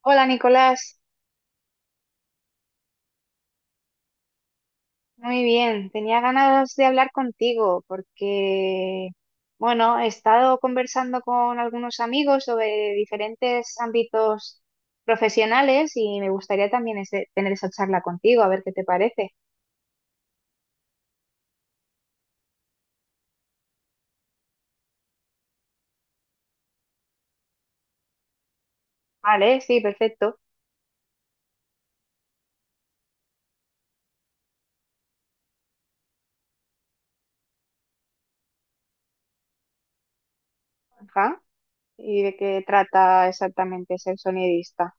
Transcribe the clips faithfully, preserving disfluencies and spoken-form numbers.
Hola Nicolás, muy bien. Tenía ganas de hablar contigo porque, bueno, he estado conversando con algunos amigos sobre diferentes ámbitos profesionales y me gustaría también ese- tener esa charla contigo, a ver qué te parece. Vale, sí, perfecto. Ajá. ¿Y de qué trata exactamente ser sonidista?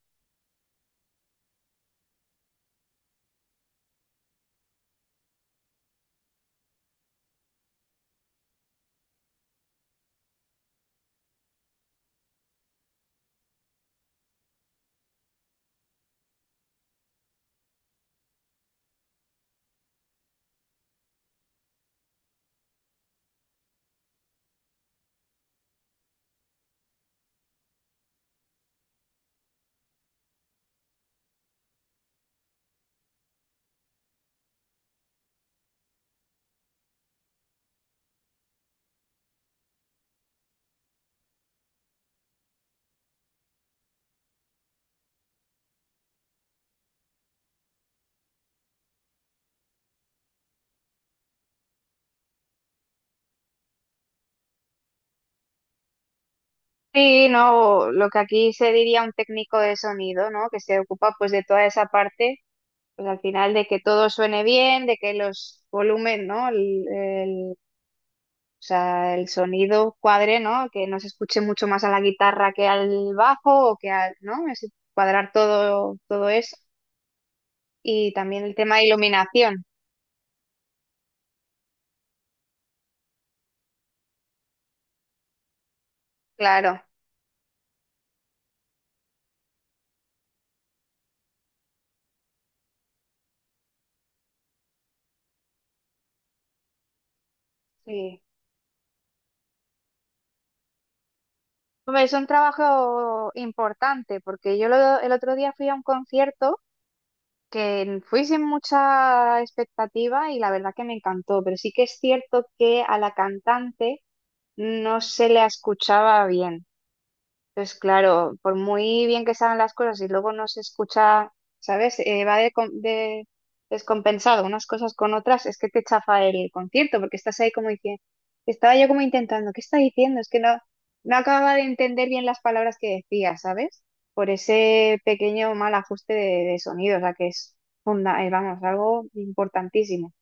Sí, no, lo que aquí se diría un técnico de sonido, ¿no? Que se ocupa pues de toda esa parte pues al final de que todo suene bien, de que los volúmenes, ¿no? El, el- o sea, el sonido cuadre, ¿no? Que no se escuche mucho más a la guitarra que al bajo o que al, ¿no? Es cuadrar todo, todo eso. Y también el tema de iluminación, claro. Sí. Hombre, es un trabajo importante porque yo lo- el otro día fui a un concierto que fui sin mucha expectativa y la verdad que me encantó, pero sí que es cierto que a la cantante no se la escuchaba bien. Entonces, claro, por muy bien que saben las cosas y luego no se escucha, ¿sabes? Eh, va de, com- de- descompensado unas cosas con otras, es que te chafa el concierto, porque estás ahí como diciendo, estaba yo como intentando, ¿qué está diciendo? Es que no, no acababa de entender bien las palabras que decía, ¿sabes? Por ese pequeño mal ajuste de, de sonido, o sea, que es funda, eh, vamos, algo importantísimo.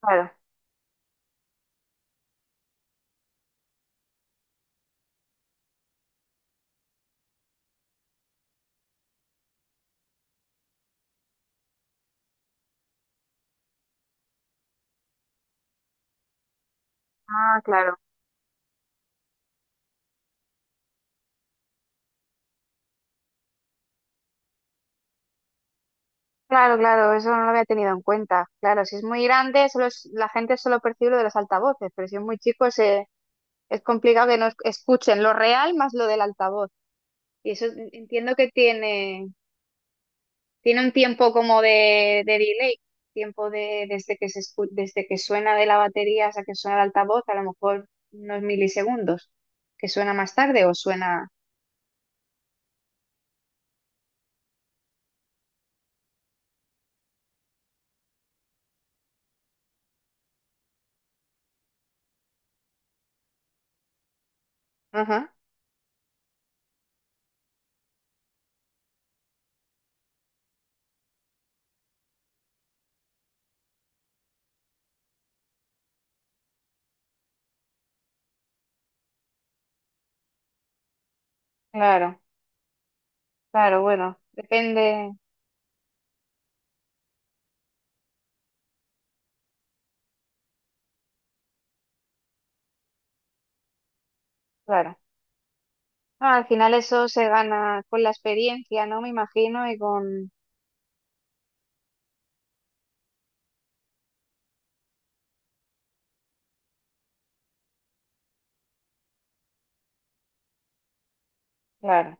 Claro. Ah, claro. Claro, claro, eso no lo había tenido en cuenta. Claro, si es muy grande, solo es- la gente solo percibe lo de los altavoces, pero si es muy chico se, es complicado que no es- escuchen lo real más lo del altavoz. Y eso entiendo que tiene, tiene un tiempo como de, de delay, tiempo de, desde que se escu- desde que suena de la batería hasta que suena el altavoz, a lo mejor unos milisegundos, que suena más tarde o suena... Ajá, claro, claro, bueno, depende, claro. No, al final eso se gana con la experiencia, ¿no? Me imagino, y con... Claro,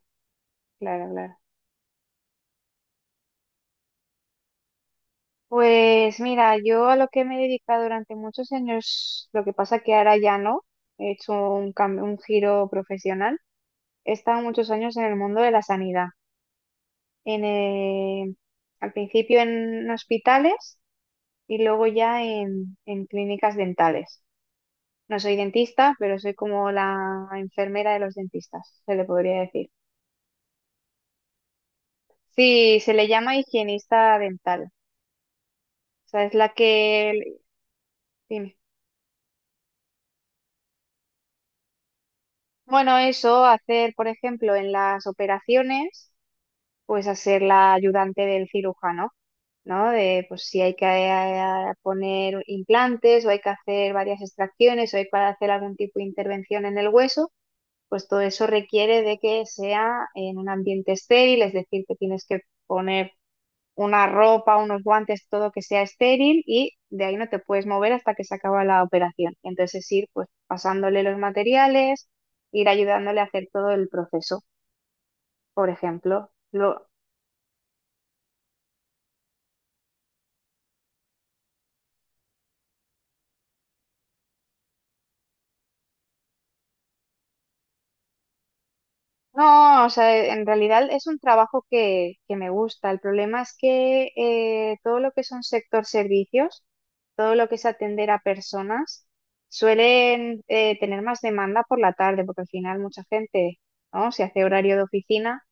claro, claro. Pues mira, yo a lo que me he dedicado durante muchos años, lo que pasa que ahora ya no, he hecho un cambio, un giro profesional. He estado muchos años en el mundo de la sanidad. En, eh, al principio en hospitales y luego ya en, en clínicas dentales. No soy dentista, pero soy como la enfermera de los dentistas, se le podría decir. Sí, se le llama higienista dental. O sea, es la que... Dime. Bueno, eso, hacer, por ejemplo, en las operaciones, pues hacer la ayudante del cirujano, ¿no? De, pues si hay que eh, poner implantes o hay que hacer varias extracciones o hay que hacer algún tipo de intervención en el hueso, pues todo eso requiere de que sea en un ambiente estéril, es decir, que tienes que poner una ropa, unos guantes, todo que sea estéril y de ahí no te puedes mover hasta que se acaba la operación. Entonces ir pues pasándole los materiales, ir ayudándole a hacer todo el proceso, por ejemplo. Lo... No, o sea, en realidad es un trabajo que, que me gusta. El problema es que eh, todo lo que son sector servicios, todo lo que es atender a personas, suelen eh, tener más demanda por la tarde, porque al final mucha gente, ¿no? Si hace horario de oficina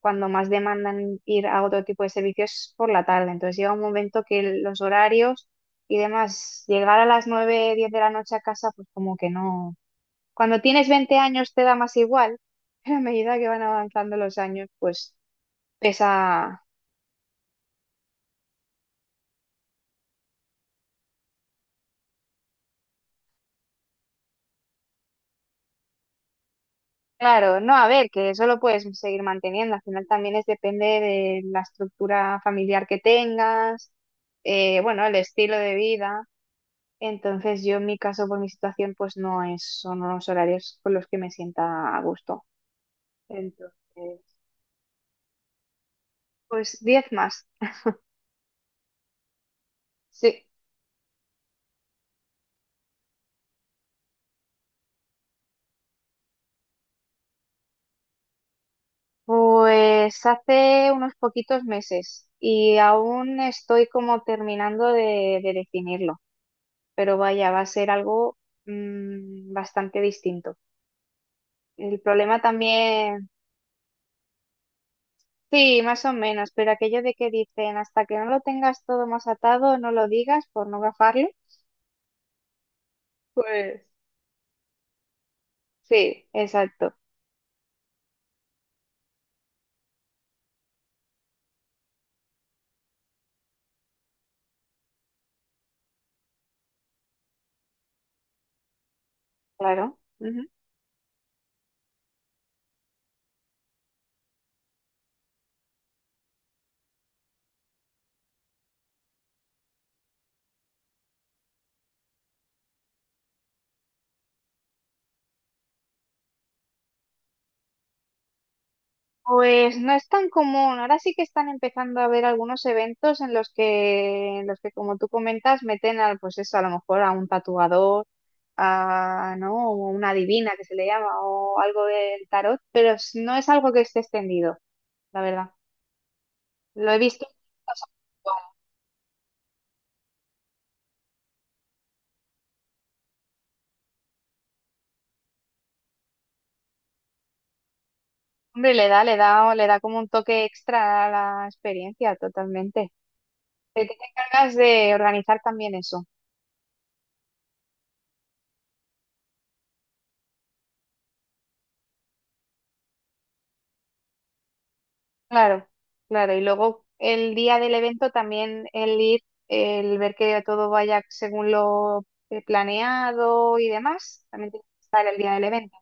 cuando más demandan ir a otro tipo de servicios es por la tarde. Entonces llega un momento que los horarios y demás, llegar a las nueve diez de la noche a casa, pues como que no. Cuando tienes veinte años te da más igual, pero a medida que van avanzando los años, pues pesa. Claro, no, a ver, que eso lo puedes seguir manteniendo. Al final también es depende de la estructura familiar que tengas, eh, bueno, el estilo de vida. Entonces yo en mi caso, por mi situación, pues no es, son unos horarios con los que me sienta a gusto. Entonces, pues diez más. Sí, pues hace unos poquitos meses y aún estoy como terminando de, de definirlo, pero vaya, va a ser algo mm, bastante distinto. El problema también, sí, más o menos, pero aquello de que dicen hasta que no lo tengas todo más atado, no lo digas por no gafarlo. Pues sí, exacto. Claro. Ujú. Pues no es tan común. Ahora sí que están empezando a haber algunos eventos en los que, en los que, como tú comentas, meten al, pues eso, a lo mejor a un tatuador, a, ¿no? O una divina que se le llama, o algo del tarot, pero s- no es algo que esté extendido, la verdad. Lo he visto. O sea, hombre, le da, le da, le da como un toque extra a la experiencia, totalmente. Pero tú te encargas de organizar también eso. Claro, claro. Y luego el día del evento también el ir, el ver que todo vaya según lo eh, planeado y demás, también tiene que estar el día del evento.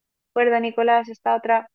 ¿De acuerdo, Nicolás? Esta otra.